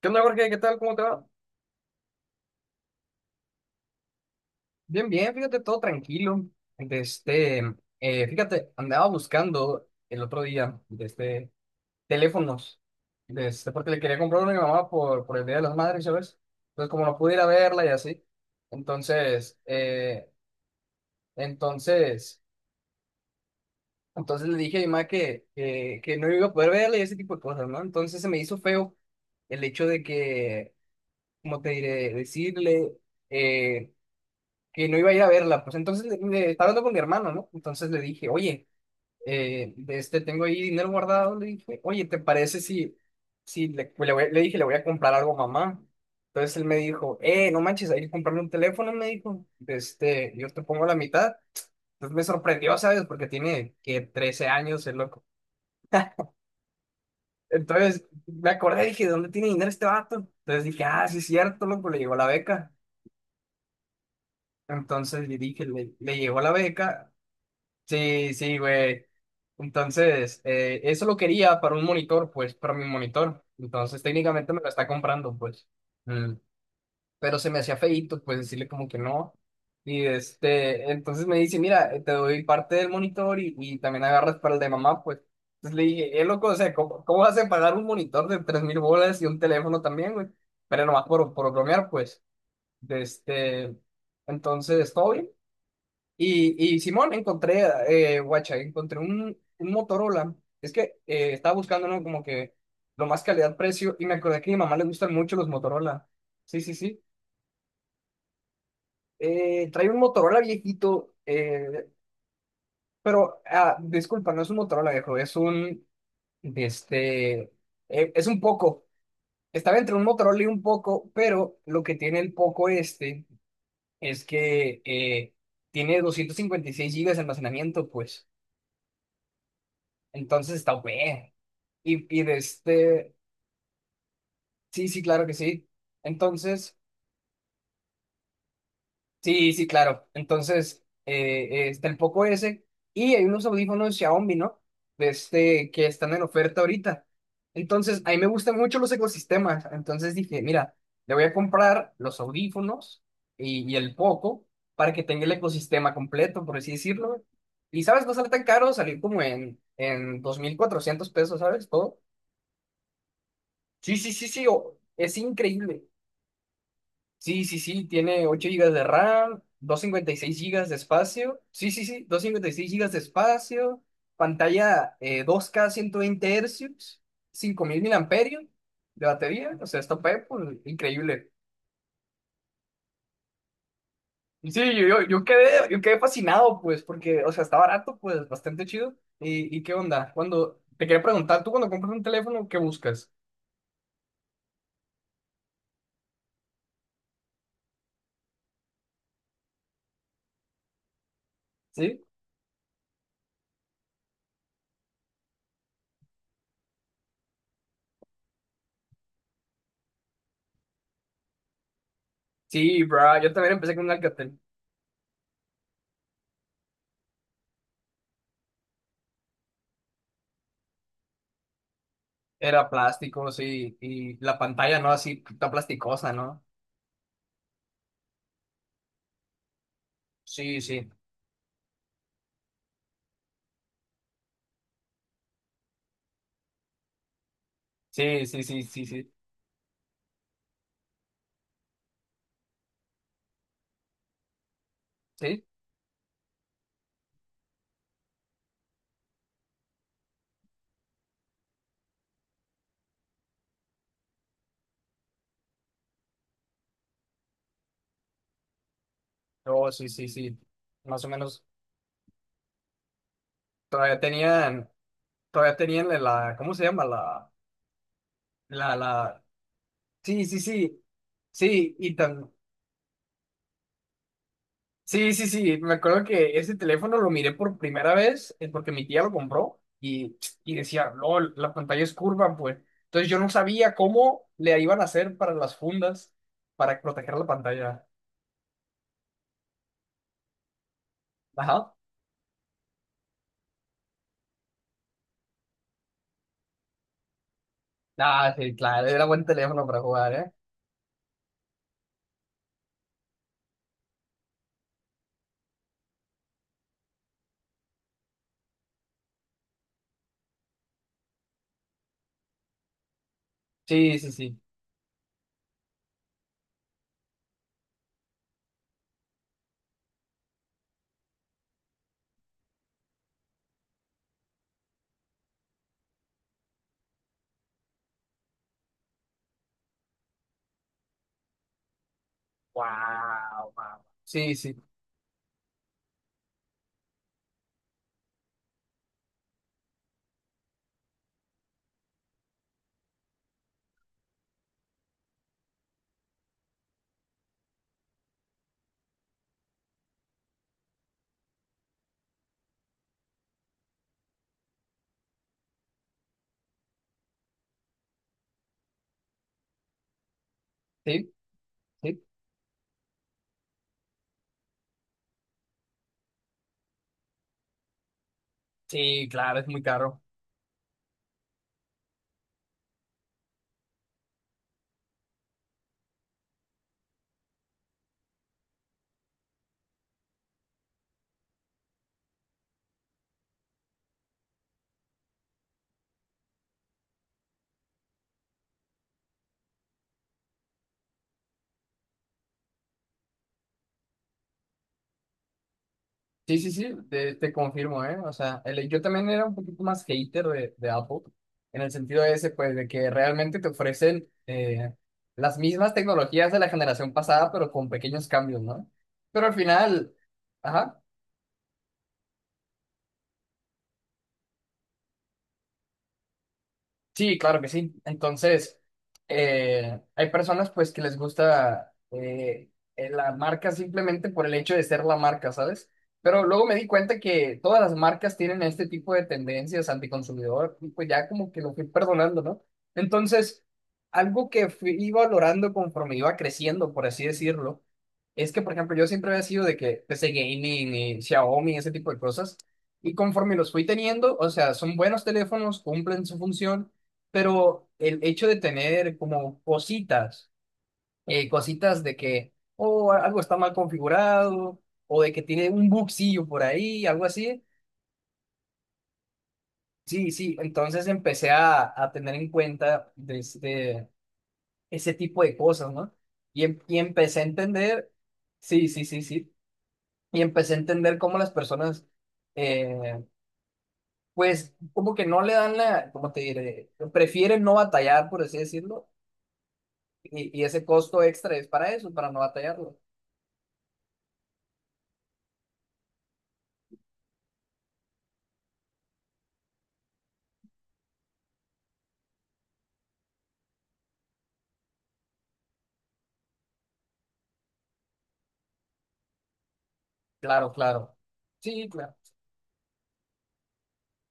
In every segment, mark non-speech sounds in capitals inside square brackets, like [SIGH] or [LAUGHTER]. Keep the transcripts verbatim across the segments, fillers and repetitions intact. ¿Qué onda, Jorge? ¿Qué tal? ¿Cómo te va? Bien, bien, fíjate, todo tranquilo. De este, eh, fíjate, andaba buscando el otro día de este, teléfonos, de este, porque le quería comprar uno a mi mamá por, por el Día de las Madres, ¿sabes? Entonces, como no pude ir a verla y así, entonces, eh, entonces, entonces le dije a mi mamá que, que, que no iba a poder verla y ese tipo de cosas, ¿no? Entonces se me hizo feo el hecho de que, como te diré, decirle... eh, que no iba a ir a verla. Pues entonces le, le- estaba hablando con mi hermano, ¿no? Entonces le dije, oye, eh, de este tengo ahí dinero guardado. Le dije, oye, ¿te parece si, si le, pues, le voy- le dije, le voy a comprar algo a mamá? Entonces él me dijo, eh, no manches, hay que comprarle un teléfono, me dijo. De Este, yo te pongo la mitad. Entonces me sorprendió, ¿sabes? Porque tiene que trece años, el loco. [LAUGHS] Entonces me acordé, dije, ¿de dónde tiene dinero este vato? Entonces dije, ah, sí es cierto, loco, le llegó la beca. Entonces le dije, le, le llegó la beca. Sí, sí, güey. Entonces, eh, eso lo quería para un monitor, pues, para mi monitor. Entonces, técnicamente me lo está comprando, pues. Mm. Pero se me hacía feíto, pues, decirle como que no. Y este, entonces me dice, mira, eh, te doy parte del monitor y, y también agarras para el de mamá, pues. Entonces le dije, eh, loco, o sea, ¿cómo, ¿cómo vas a pagar un monitor de tres mil bolas y un teléfono también, güey? Pero nomás por, por bromear, pues. De este, entonces, todo bien. Y, y Simón, encontré, eh, guacha, encontré un, un Motorola. Es que eh, estaba buscando, ¿no? Como que lo más calidad-precio y me acordé que a mi mamá le gustan mucho los Motorola. Sí, sí, sí. Eh, trae un Motorola viejito, eh, pero, ah, disculpa, no es un Motorola viejo, es un, de este, eh, es un Poco. Estaba entre un Motorola y un Poco, pero lo que tiene el Poco este es que eh, tiene doscientos cincuenta y seis gigas de almacenamiento, pues. Entonces está bueno. Y, y de este, sí, sí, claro que sí. Entonces, sí, sí, claro. Entonces, eh, eh, está el Poco ese y hay unos audífonos Xiaomi, ¿no? De este, que están en oferta ahorita. Entonces, a mí me gustan mucho los ecosistemas. Entonces dije, mira, le voy a comprar los audífonos y, y el Poco para que tenga el ecosistema completo, por así decirlo. Y, ¿sabes? No sale tan caro, salió como en, en dos mil cuatrocientos pesos, ¿sabes? Todo. Sí, sí, sí, sí, o- es increíble. Sí, sí, sí, tiene ocho gigas de RAM, doscientos cincuenta y seis gigas de espacio. Sí, sí, sí, doscientos cincuenta y seis gigas de espacio, pantalla eh, dos K ciento veinte Hz, cinco mil miliamperios de batería, o sea, está pe- pues, increíble. Y sí, yo, yo, yo quedé, yo quedé fascinado, pues, porque, o sea, está barato, pues, bastante chido. ¿Y, y qué onda? Cuando, te quería preguntar, tú cuando compras un teléfono, ¿qué buscas? ¿Sí? Sí, bro, yo también empecé con un Alcatel. Era plástico, sí, y la pantalla, ¿no? Así, tan plasticosa, ¿no? Sí, sí, sí, sí, sí, sí, sí, sí, oh, sí, sí, sí, más o menos, todavía tenían, todavía tenían la, ¿cómo se llama? La, la, la, sí, sí, sí, sí, y tan, sí, sí, sí, me acuerdo que ese teléfono lo miré por primera vez, eh, porque mi tía lo compró, y, y decía, LOL, la pantalla es curva, pues, entonces yo no sabía cómo le iban a hacer para las fundas, para proteger la pantalla. Ajá. Ah, sí, claro, era buen teléfono para jugar, ¿eh? Sí, sí, sí. Wow, wow. Sí, sí, sí, sí. Sí, claro, es muy caro. Sí, sí, sí, te, te confirmo, ¿eh? O sea, el- yo también era un poquito más hater de, de Apple, en el sentido ese, pues, de que realmente te ofrecen eh, las mismas tecnologías de la generación pasada, pero con pequeños cambios, ¿no? Pero al final, ajá. Sí, claro que sí. Entonces, eh, hay personas pues que les gusta eh, eh, la marca simplemente por el hecho de ser la marca, ¿sabes? Pero luego me di cuenta que todas las marcas tienen este tipo de tendencias anticonsumidor y pues ya como que lo fui perdonando, ¿no? Entonces, algo que fui valorando conforme iba creciendo, por así decirlo, es que, por ejemplo, yo siempre había sido de que P C Gaming y Xiaomi, ese tipo de cosas. Y conforme los fui teniendo, o sea, son buenos teléfonos, cumplen su función, pero el hecho de tener como cositas, eh, cositas de que, oh, algo está mal configurado, o de que tiene un bugcillo por ahí, algo así. Sí, sí, entonces empecé a, a tener en cuenta de este- ese tipo de cosas, ¿no? Y, em- y empecé a entender, sí, sí, sí, sí, y empecé a entender cómo las personas, eh, pues, como que no le dan la, ¿cómo te diré? Prefieren no batallar, por así decirlo. Y, y ese costo extra es para eso, para no batallarlo. Claro, claro. Sí, claro.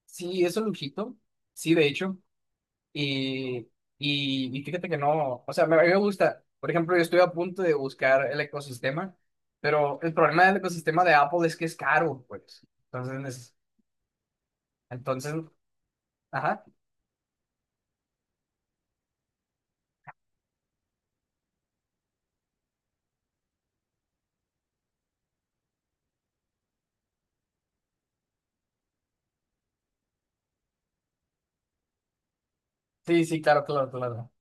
Sí, es un lujito. Sí, de hecho. Y, y, y fíjate que no, o sea, me, a mí me gusta. Por ejemplo, yo estoy a punto de buscar el ecosistema, pero el problema del ecosistema de Apple es que es caro, pues. Entonces, es- entonces, ajá. Sí, sí, claro, claro, claro.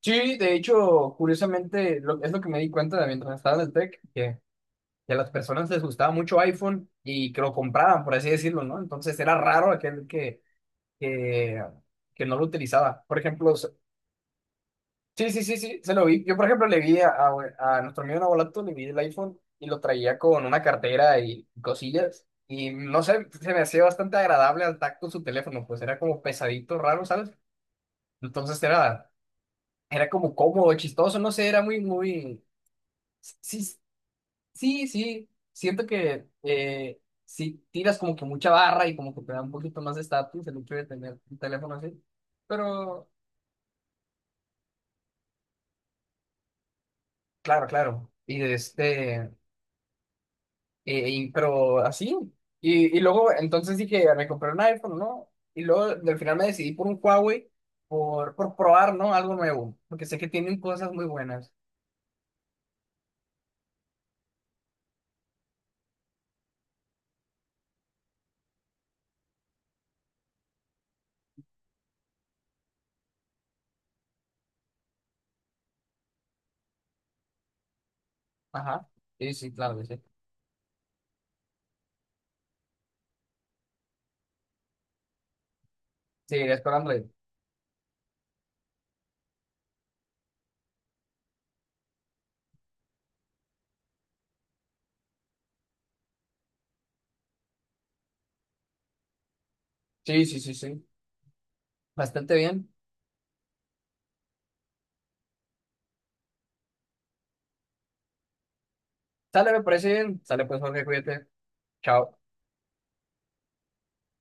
Sí, de hecho, curiosamente, lo- es lo que me di cuenta de mientras estaba en el tech, que a las personas les gustaba mucho iPhone y que lo compraban, por así decirlo, ¿no? Entonces era raro aquel que, que, que no lo utilizaba. Por ejemplo, s- sí, sí, sí, sí, se lo vi. Yo, por ejemplo, le vi a, a, a nuestro amigo Nabolato, le vi el iPhone y lo traía con una cartera y cosillas. Y no sé, se me hacía bastante agradable al tacto su teléfono, pues era como pesadito, raro, ¿sabes? Entonces era, era como cómodo, chistoso, no sé, era muy, muy... Sí, sí, sí, siento que eh, si tiras como que mucha barra y como que te da un poquito más de estatus el hecho de tener un teléfono así. Pero, claro, claro. Y de este, eh, y- pero así. Y, y luego, entonces dije, "Ah, me compré un iPhone, ¿no?" Y luego, al final me decidí por un Huawei por, por probar, ¿no? Algo nuevo. Porque sé que tienen cosas muy buenas. Ajá. Sí, sí, claro que sí. Seguirías con Android. Sí, sí, sí, sí. Bastante bien. Sale, me parece bien. Sale, pues, Jorge, cuídate. Chao.